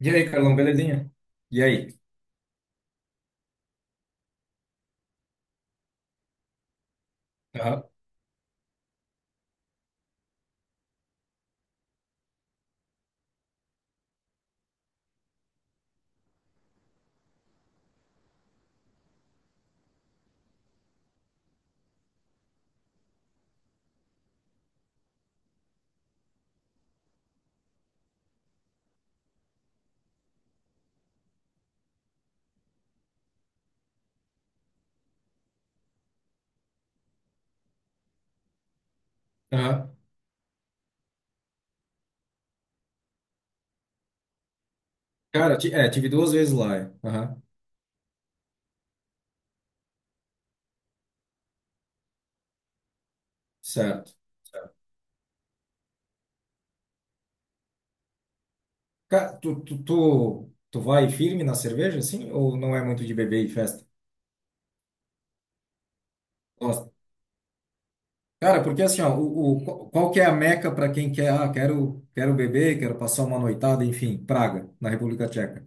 E aí, Carlão, belezinha? E aí? Aham, aham. Cara, tive duas vezes lá. É. Aham, certo. Cara, tu vai firme na cerveja, assim? Ou não é muito de beber e festa? Gosta? Cara, porque assim, ó, qual que é a meca para quem quer, quero beber, quero passar uma noitada, enfim, Praga, na República Tcheca.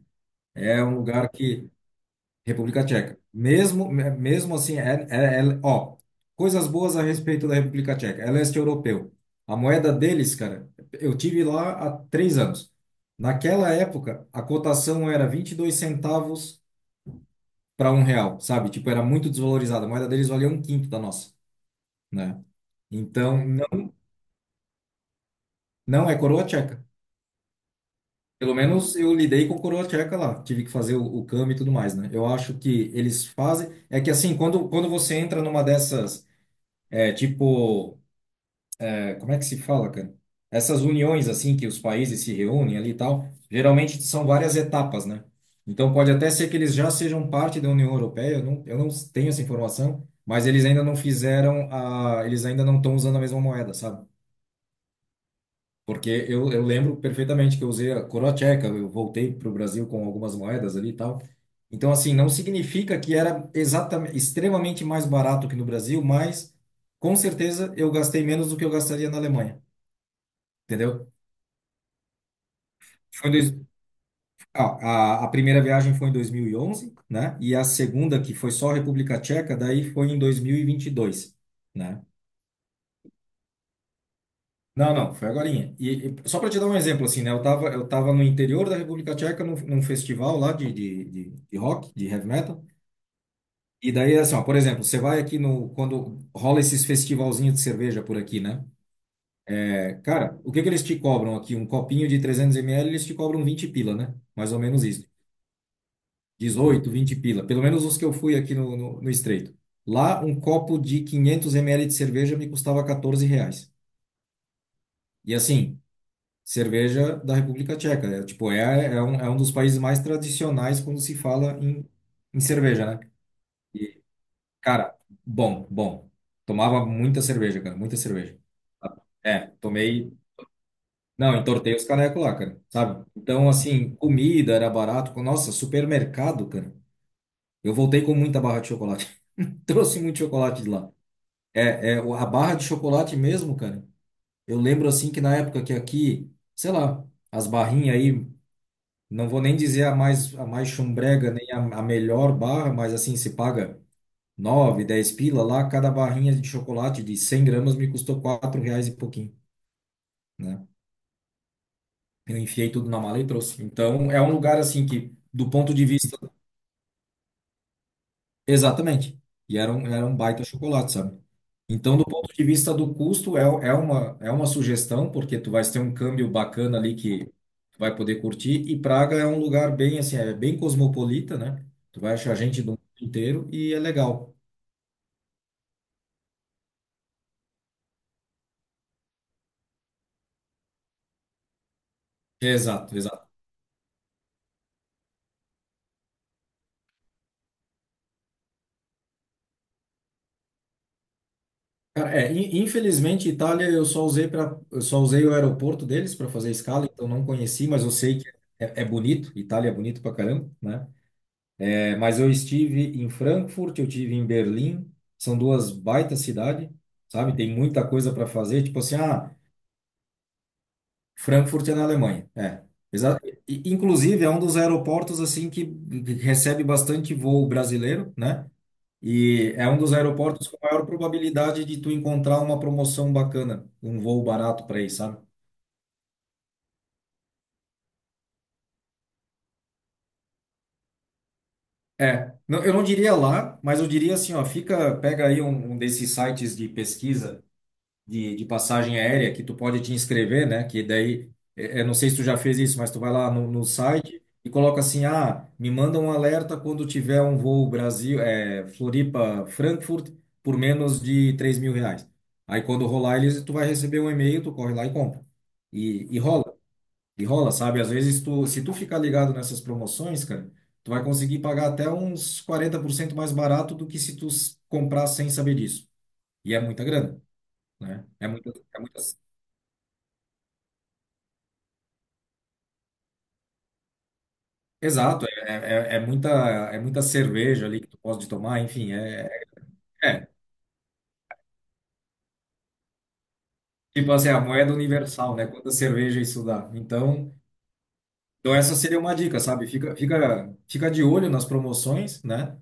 É um lugar que República Tcheca. Mesmo assim, ó, coisas boas a respeito da República Tcheca. É leste europeu. A moeda deles, cara, eu tive lá há 3 anos. Naquela época, a cotação era 22 centavos para um real, sabe? Tipo, era muito desvalorizada. A moeda deles valia um quinto da nossa, né? Então, não, não é coroa tcheca. Pelo menos eu lidei com coroa tcheca lá. Tive que fazer o câmbio e tudo mais, né? Eu acho que eles fazem. É que assim, quando você entra numa dessas. É tipo, como é que se fala, cara? Essas uniões assim que os países se reúnem ali e tal, geralmente são várias etapas, né? Então pode até ser que eles já sejam parte da União Europeia, eu não tenho essa informação, mas eles ainda não fizeram eles ainda não estão usando a mesma moeda, sabe? Porque eu lembro perfeitamente que eu usei a coroa tcheca, eu voltei para o Brasil com algumas moedas ali e tal. Então, assim, não significa que era exatamente, extremamente mais barato que no Brasil, mas com certeza eu gastei menos do que eu gastaria na Alemanha, entendeu? Foi em dois, ah, a primeira viagem foi em 2011, né? E a segunda, que foi só República Tcheca, daí foi em dois mil e vinte e dois, né? Não, não, foi agorinha. E só para te dar um exemplo, assim, né? Eu tava no interior da República Tcheca, num festival lá de rock, de heavy metal. E daí, assim, ó, por exemplo, você vai aqui no. Quando rola esses festivalzinhos de cerveja por aqui, né? É, cara, o que que eles te cobram aqui? Um copinho de 300 ml, eles te cobram 20 pila, né? Mais ou menos isso. 18, 20 pila. Pelo menos os que eu fui aqui no, no Estreito. Lá, um copo de 500 ml de cerveja me custava R$ 14. E assim, cerveja da República Tcheca. É um dos países mais tradicionais quando se fala em, em cerveja, né? E, cara, bom, bom. Tomava muita cerveja, cara, muita cerveja. É, tomei. Não, entortei os canecos lá, cara, sabe? Então, assim, comida era barato. Nossa, supermercado, cara. Eu voltei com muita barra de chocolate. Trouxe muito chocolate de lá. É, a barra de chocolate mesmo, cara. Eu lembro, assim, que na época que aqui, sei lá, as barrinhas aí. Não vou nem dizer a mais chumbrega, nem a melhor barra, mas assim, se paga 9, 10 pila lá, cada barrinha de chocolate de 100 gramas me custou 4 reais e pouquinho, né? Eu enfiei tudo na mala e trouxe. Então, é um lugar assim que, do ponto de vista... Exatamente. E era um baita chocolate, sabe? Então, do, uhum, ponto de vista do custo, é uma sugestão, porque tu vais ter um câmbio bacana ali que tu vai poder curtir. E Praga é um lugar bem, assim, é bem cosmopolita, né? Tu vai achar gente do mundo inteiro e é legal. Exato, exato. Cara, infelizmente, Itália eu só usei o aeroporto deles para fazer escala, então não conheci, mas eu sei que é bonito. Itália é bonito pra caramba, né? É, mas eu estive em Frankfurt, eu tive em Berlim, são duas baita cidades, sabe? Tem muita coisa para fazer, tipo assim, Frankfurt é na Alemanha, é. Exa Inclusive é um dos aeroportos assim que recebe bastante voo brasileiro, né? E é um dos aeroportos com maior probabilidade de tu encontrar uma promoção bacana, um voo barato para ir, sabe? É, não, eu não diria lá, mas eu diria assim, ó, fica, pega aí um desses sites de pesquisa de passagem aérea que tu pode te inscrever, né? Que daí, não sei se tu já fez isso, mas tu vai lá no, no site e coloca assim, me manda um alerta quando tiver um voo Brasil, Floripa, Frankfurt, por menos de R$ 3.000. Aí quando rolar eles, tu vai receber um e-mail, tu corre lá e compra. E rola, e rola, sabe? Às vezes tu, se tu ficar ligado nessas promoções, cara, tu vai conseguir pagar até uns 40% mais barato do que se tu comprar sem saber disso. E é muita grana, né? Exato, é muita cerveja ali que tu pode tomar, enfim, é é, tipo assim, a moeda universal, né? Quanta cerveja isso dá. Então, essa seria uma dica, sabe? Fica, fica, fica de olho nas promoções, né?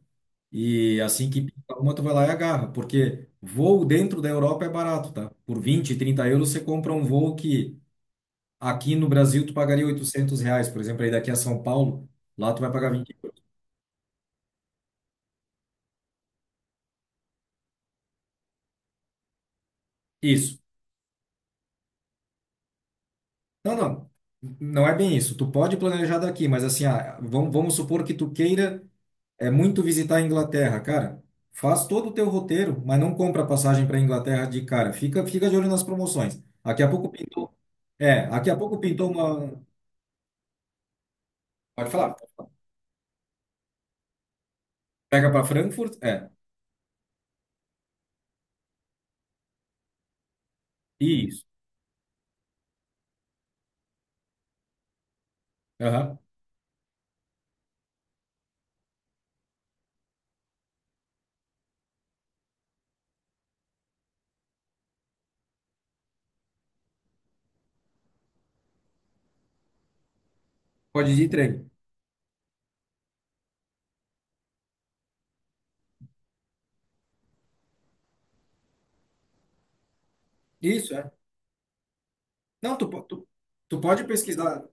E assim que pinta uma, tu vai lá e agarra, porque voo dentro da Europa é barato, tá? Por 20, 30 euros você compra um voo que aqui no Brasil tu pagaria R$ 800, por exemplo, aí daqui a São Paulo, lá tu vai pagar 20. Isso. Não, não. Não é bem isso. Tu pode planejar daqui, mas assim, ah, vamos supor que tu queira é muito visitar a Inglaterra, cara. Faz todo o teu roteiro, mas não compra passagem para Inglaterra de cara. Fica, fica de olho nas promoções. Daqui a pouco pintou. É, daqui a pouco pintou uma. Pode falar. Pega para Frankfurt. É. Isso. Aham. Pode ir de trem. Isso, é. Não, tu pode pesquisar.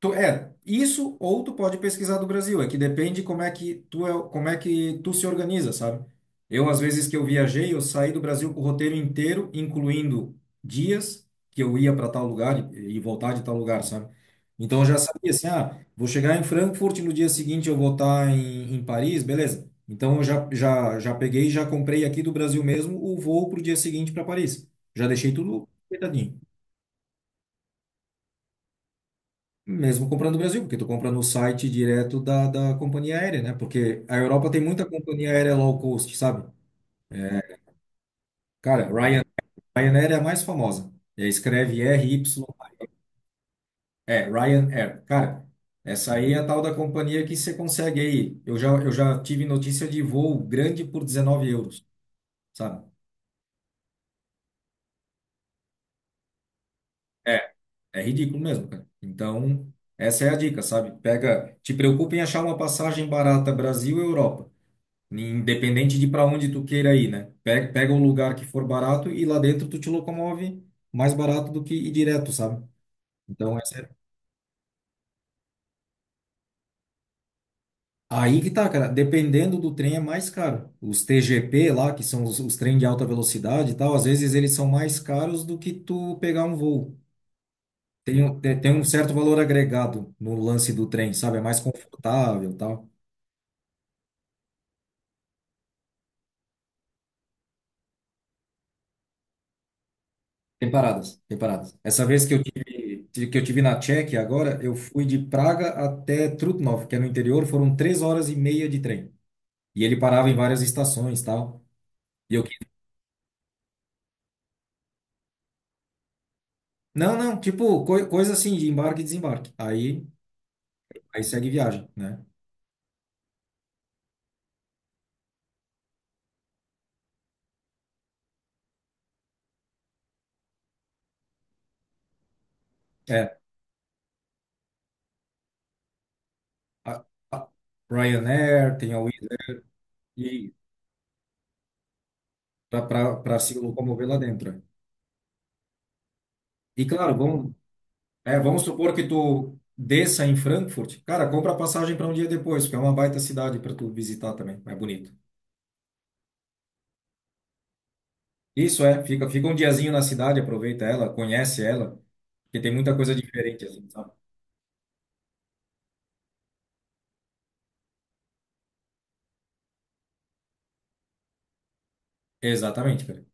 Tu, isso, ou tu pode pesquisar do Brasil, é que depende como é que tu é, como é que tu se organiza, sabe? Eu, às vezes que eu viajei, eu saí do Brasil com o roteiro inteiro, incluindo dias que eu ia para tal lugar e voltar de tal lugar, sabe? Então eu já sabia assim, vou chegar em Frankfurt, no dia seguinte eu vou estar em, em Paris, beleza. Então eu já, já peguei e já comprei aqui do Brasil mesmo o voo para o dia seguinte para Paris. Já deixei tudo ajeitadinho. Mesmo comprando no Brasil, porque tu compra no site direto da companhia aérea, né? Porque a Europa tem muita companhia aérea low cost, sabe? É, cara, Ryanair é a mais famosa. É, escreve R Y, é Ryanair. Cara, essa aí é a tal da companhia que você consegue aí. Eu já tive notícia de voo grande por € 19, sabe? É, é ridículo mesmo, cara. Então, essa é a dica, sabe? Pega, te preocupa em achar uma passagem barata Brasil-Europa. Independente de para onde tu queira ir, né? Pega, pega um lugar que for barato e lá dentro tu te locomove mais barato do que ir direto, sabe? Então, essa é... Aí que tá, cara. Dependendo do trem é mais caro. Os TGP lá, que são os trens de alta velocidade e tal, às vezes eles são mais caros do que tu pegar um voo. Tem um certo valor agregado no lance do trem, sabe? É mais confortável e tal. Tem paradas, tem paradas. Essa vez que eu tive na Tchequia agora, eu fui de Praga até Trutnov, que é no interior, foram 3 horas e meia de trem. E ele parava em várias estações, tal. E eu quis... Não, não, tipo, coisa assim, de embarque e desembarque. Aí segue viagem, né? É, a, a Ryanair, tem a Wizz Air, e para se locomover lá dentro. É. E claro, vamos supor que tu desça em Frankfurt, cara, compra passagem para um dia depois, porque é uma baita cidade para tu visitar também, é bonito. Isso é, fica, fica um diazinho na cidade, aproveita ela, conhece ela, porque tem muita coisa diferente, assim, sabe? Exatamente, cara.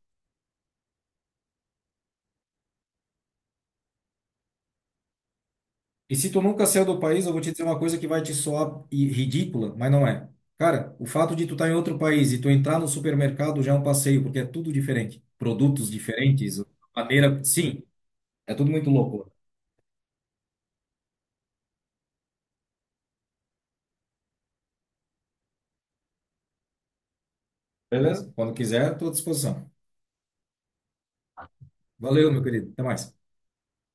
E se tu nunca saiu do país, eu vou te dizer uma coisa que vai te soar ridícula, mas não é. Cara, o fato de tu estar em outro país e tu entrar no supermercado já é um passeio, porque é tudo diferente. Produtos diferentes, maneira. Sim, é tudo muito louco. Beleza? Quando quiser, estou à disposição. Valeu, meu querido. Até mais.